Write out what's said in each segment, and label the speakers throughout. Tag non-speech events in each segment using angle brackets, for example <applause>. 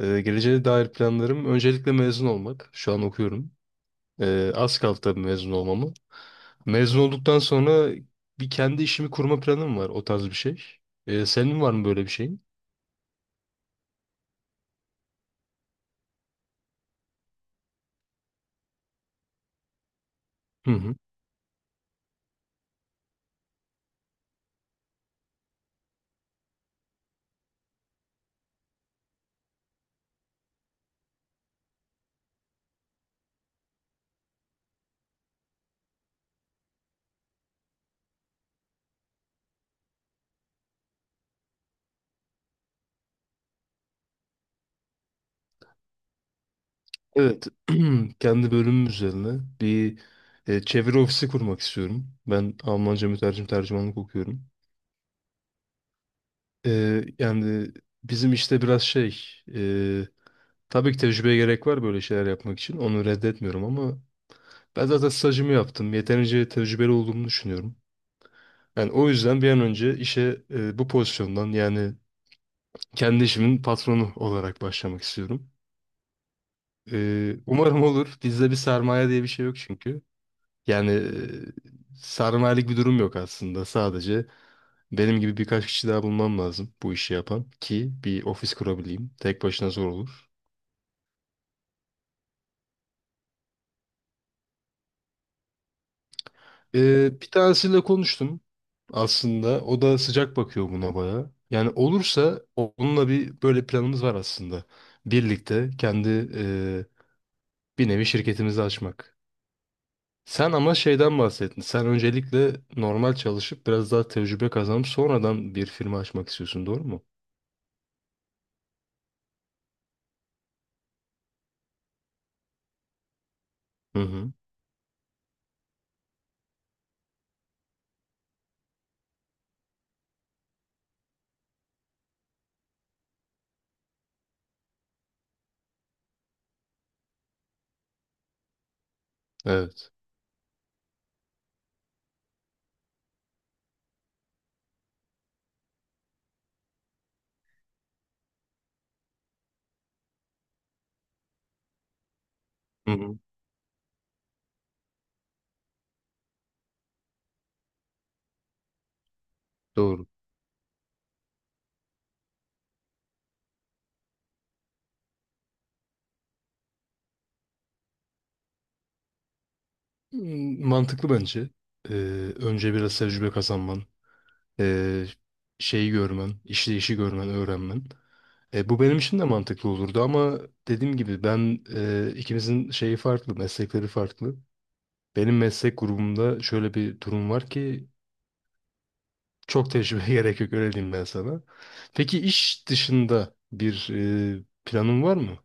Speaker 1: Geleceğe dair planlarım öncelikle mezun olmak. Şu an okuyorum. Az kaldı tabii mezun olmamı. Mezun olduktan sonra bir kendi işimi kurma planım var. O tarz bir şey. Senin var mı böyle bir şeyin? Hı hı. Evet. <clears throat> Kendi bölümüm üzerine bir çeviri ofisi kurmak istiyorum. Ben Almanca mütercim tercümanlık okuyorum. Yani bizim işte biraz e, tabii ki tecrübeye gerek var böyle şeyler yapmak için. Onu reddetmiyorum ama... Ben zaten stajımı yaptım. Yeterince tecrübeli olduğumu düşünüyorum. Yani o yüzden bir an önce işe bu pozisyondan yani kendi işimin patronu olarak başlamak istiyorum. Umarım olur. Bizde bir sermaye diye bir şey yok çünkü. Yani sermayelik bir durum yok aslında. Sadece benim gibi birkaç kişi daha bulmam lazım bu işi yapan ki bir ofis kurabileyim. Tek başına zor olur. Bir tanesiyle konuştum aslında. O da sıcak bakıyor buna bayağı. Yani olursa onunla bir böyle planımız var aslında. Birlikte kendi e, bir nevi şirketimizi açmak. Sen ama şeyden bahsettin. Sen öncelikle normal çalışıp biraz daha tecrübe kazanıp sonradan bir firma açmak istiyorsun, doğru mu? Hı hı. Evet. Hı hı. Doğru. Hmm, mantıklı bence. Ee, Önce biraz tecrübe kazanman. e, Şeyi görmen, işleyişi görmen, öğrenmen. E, bu benim için de mantıklı olurdu ama dediğim gibi ben ikimizin şeyi farklı, meslekleri farklı. Benim meslek grubumda şöyle bir durum var ki çok tecrübe <laughs> gerek yok öyle diyeyim ben sana. Peki iş dışında bir planın var mı?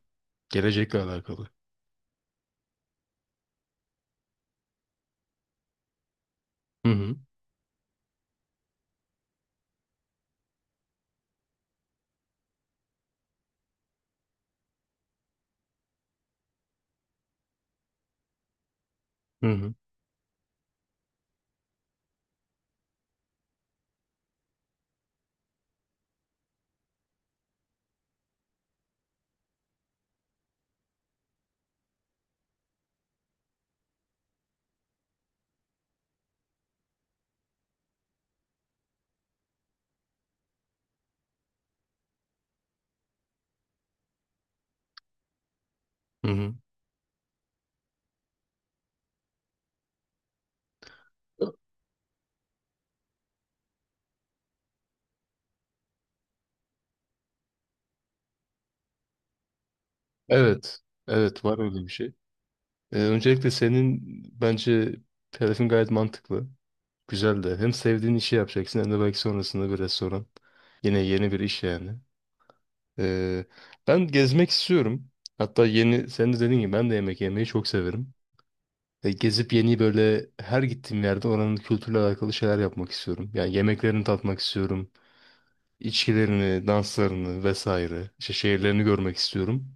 Speaker 1: Gelecekle alakalı. Hı hı, hı hı, hı hı. Evet, evet var öyle bir şey. Öncelikle senin bence hedefin gayet mantıklı. Güzel de hem sevdiğin işi yapacaksın hem de belki sonrasında bir restoran. Yine yeni bir iş yani. Ee, Ben gezmek istiyorum. Hatta yeni, sen de dediğin gibi ben de yemek yemeyi çok severim. E, gezip yeni böyle her gittiğim yerde oranın kültürle alakalı şeyler yapmak istiyorum. Yani yemeklerini tatmak istiyorum. İçkilerini, danslarını vesaire. İşte şehirlerini görmek istiyorum.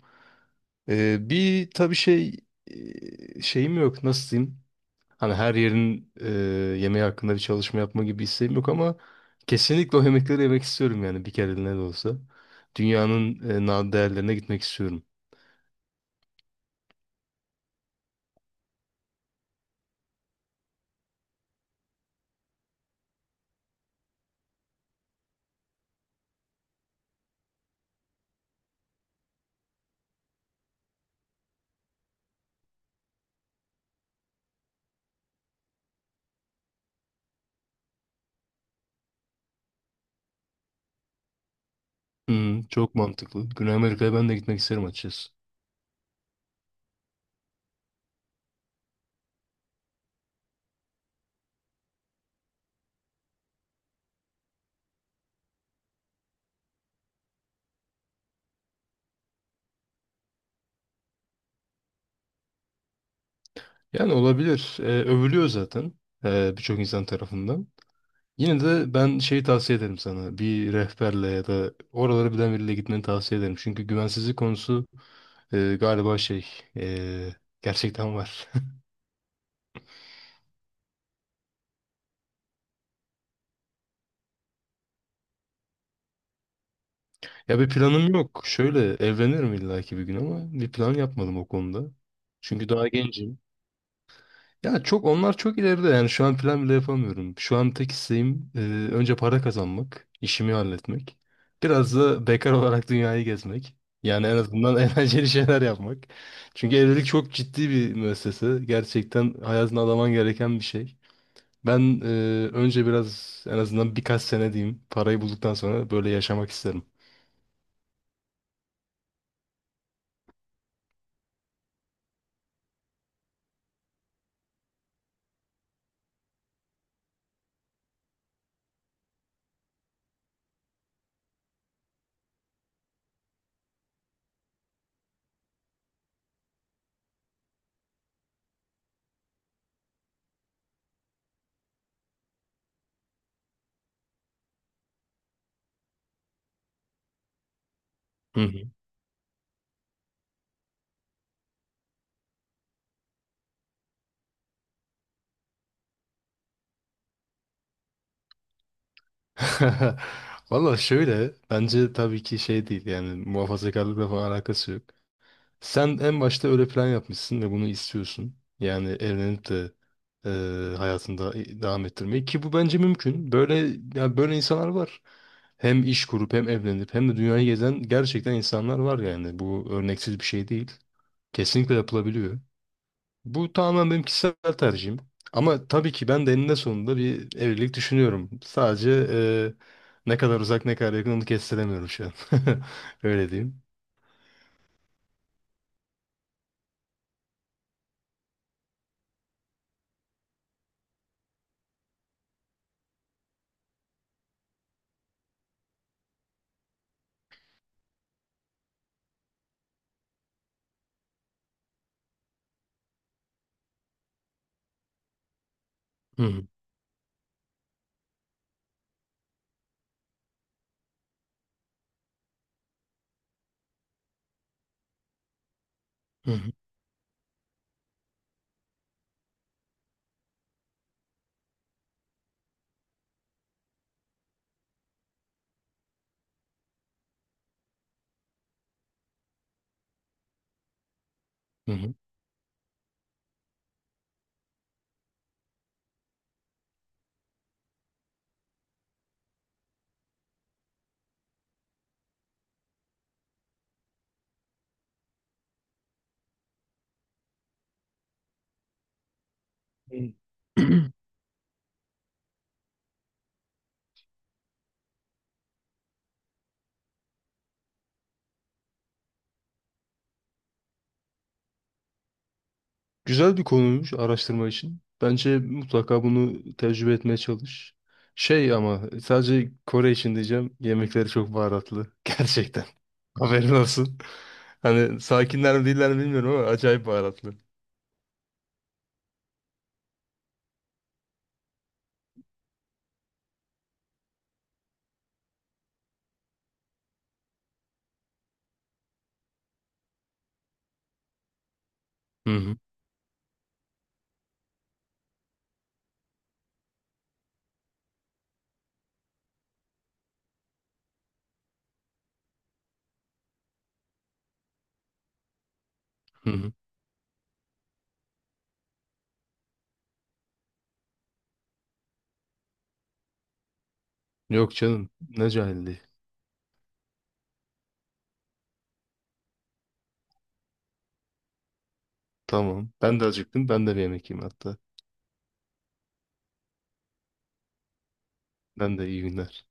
Speaker 1: Bir tabii şeyim yok, nasıl diyeyim? Hani her yerin yemeği hakkında bir çalışma yapma gibi isteğim yok ama kesinlikle o yemekleri yemek istiyorum yani bir kereliğine de olsa. Dünyanın nadir değerlerine gitmek istiyorum. Hmm, çok mantıklı. Güney Amerika'ya ben de gitmek isterim açıkçası. Yani olabilir. E, övülüyor zaten birçok insan tarafından. Yine de ben şeyi tavsiye ederim sana. Bir rehberle ya da oraları bilen biriyle gitmeni tavsiye ederim. Çünkü güvensizlik konusu galiba e, gerçekten var. Ya bir planım yok. Şöyle evlenirim illaki bir gün ama bir plan yapmadım o konuda. Çünkü daha gencim. Ya çok onlar çok ileride yani şu an plan bile yapamıyorum. Şu an tek isteğim önce para kazanmak, işimi halletmek. Biraz da bekar olarak dünyayı gezmek. Yani en azından <laughs> eğlenceli şeyler yapmak. Çünkü evlilik çok ciddi bir müessese. Gerçekten hayatını adaman gereken bir şey. Ben önce biraz en azından birkaç sene diyeyim parayı bulduktan sonra böyle yaşamak isterim. Hı hı. <laughs> Valla şöyle bence tabii ki şey değil yani muhafazakarlıkla falan alakası yok. Sen en başta öyle plan yapmışsın ve bunu istiyorsun. Yani evlenip de hayatında devam ettirmeyi ki bu bence mümkün. Böyle ya böyle insanlar var. Hem iş kurup hem evlenip hem de dünyayı gezen gerçekten insanlar var yani. Bu örneksiz bir şey değil. Kesinlikle yapılabiliyor. Bu tamamen benim kişisel tercihim. Ama tabii ki ben de eninde sonunda bir evlilik düşünüyorum. Sadece ne kadar uzak ne kadar yakın onu kestiremiyorum şu an. <laughs> Öyle diyeyim. Hı hı, hı hı, hı hı. Hmm. <clears throat> Güzel bir konuymuş araştırma için. Bence mutlaka bunu tecrübe etmeye çalış. Şey ama sadece Kore için diyeceğim. Yemekleri çok baharatlı. <laughs> Gerçekten. Haberin olsun. Hani sakinler mi değiller mi bilmiyorum ama acayip baharatlı. Hı hı. Hı hı. Yok canım. Ne cahilliği. Tamam. Ben de acıktım. Ben de bir yemek yiyeyim hatta. Ben de iyi günler.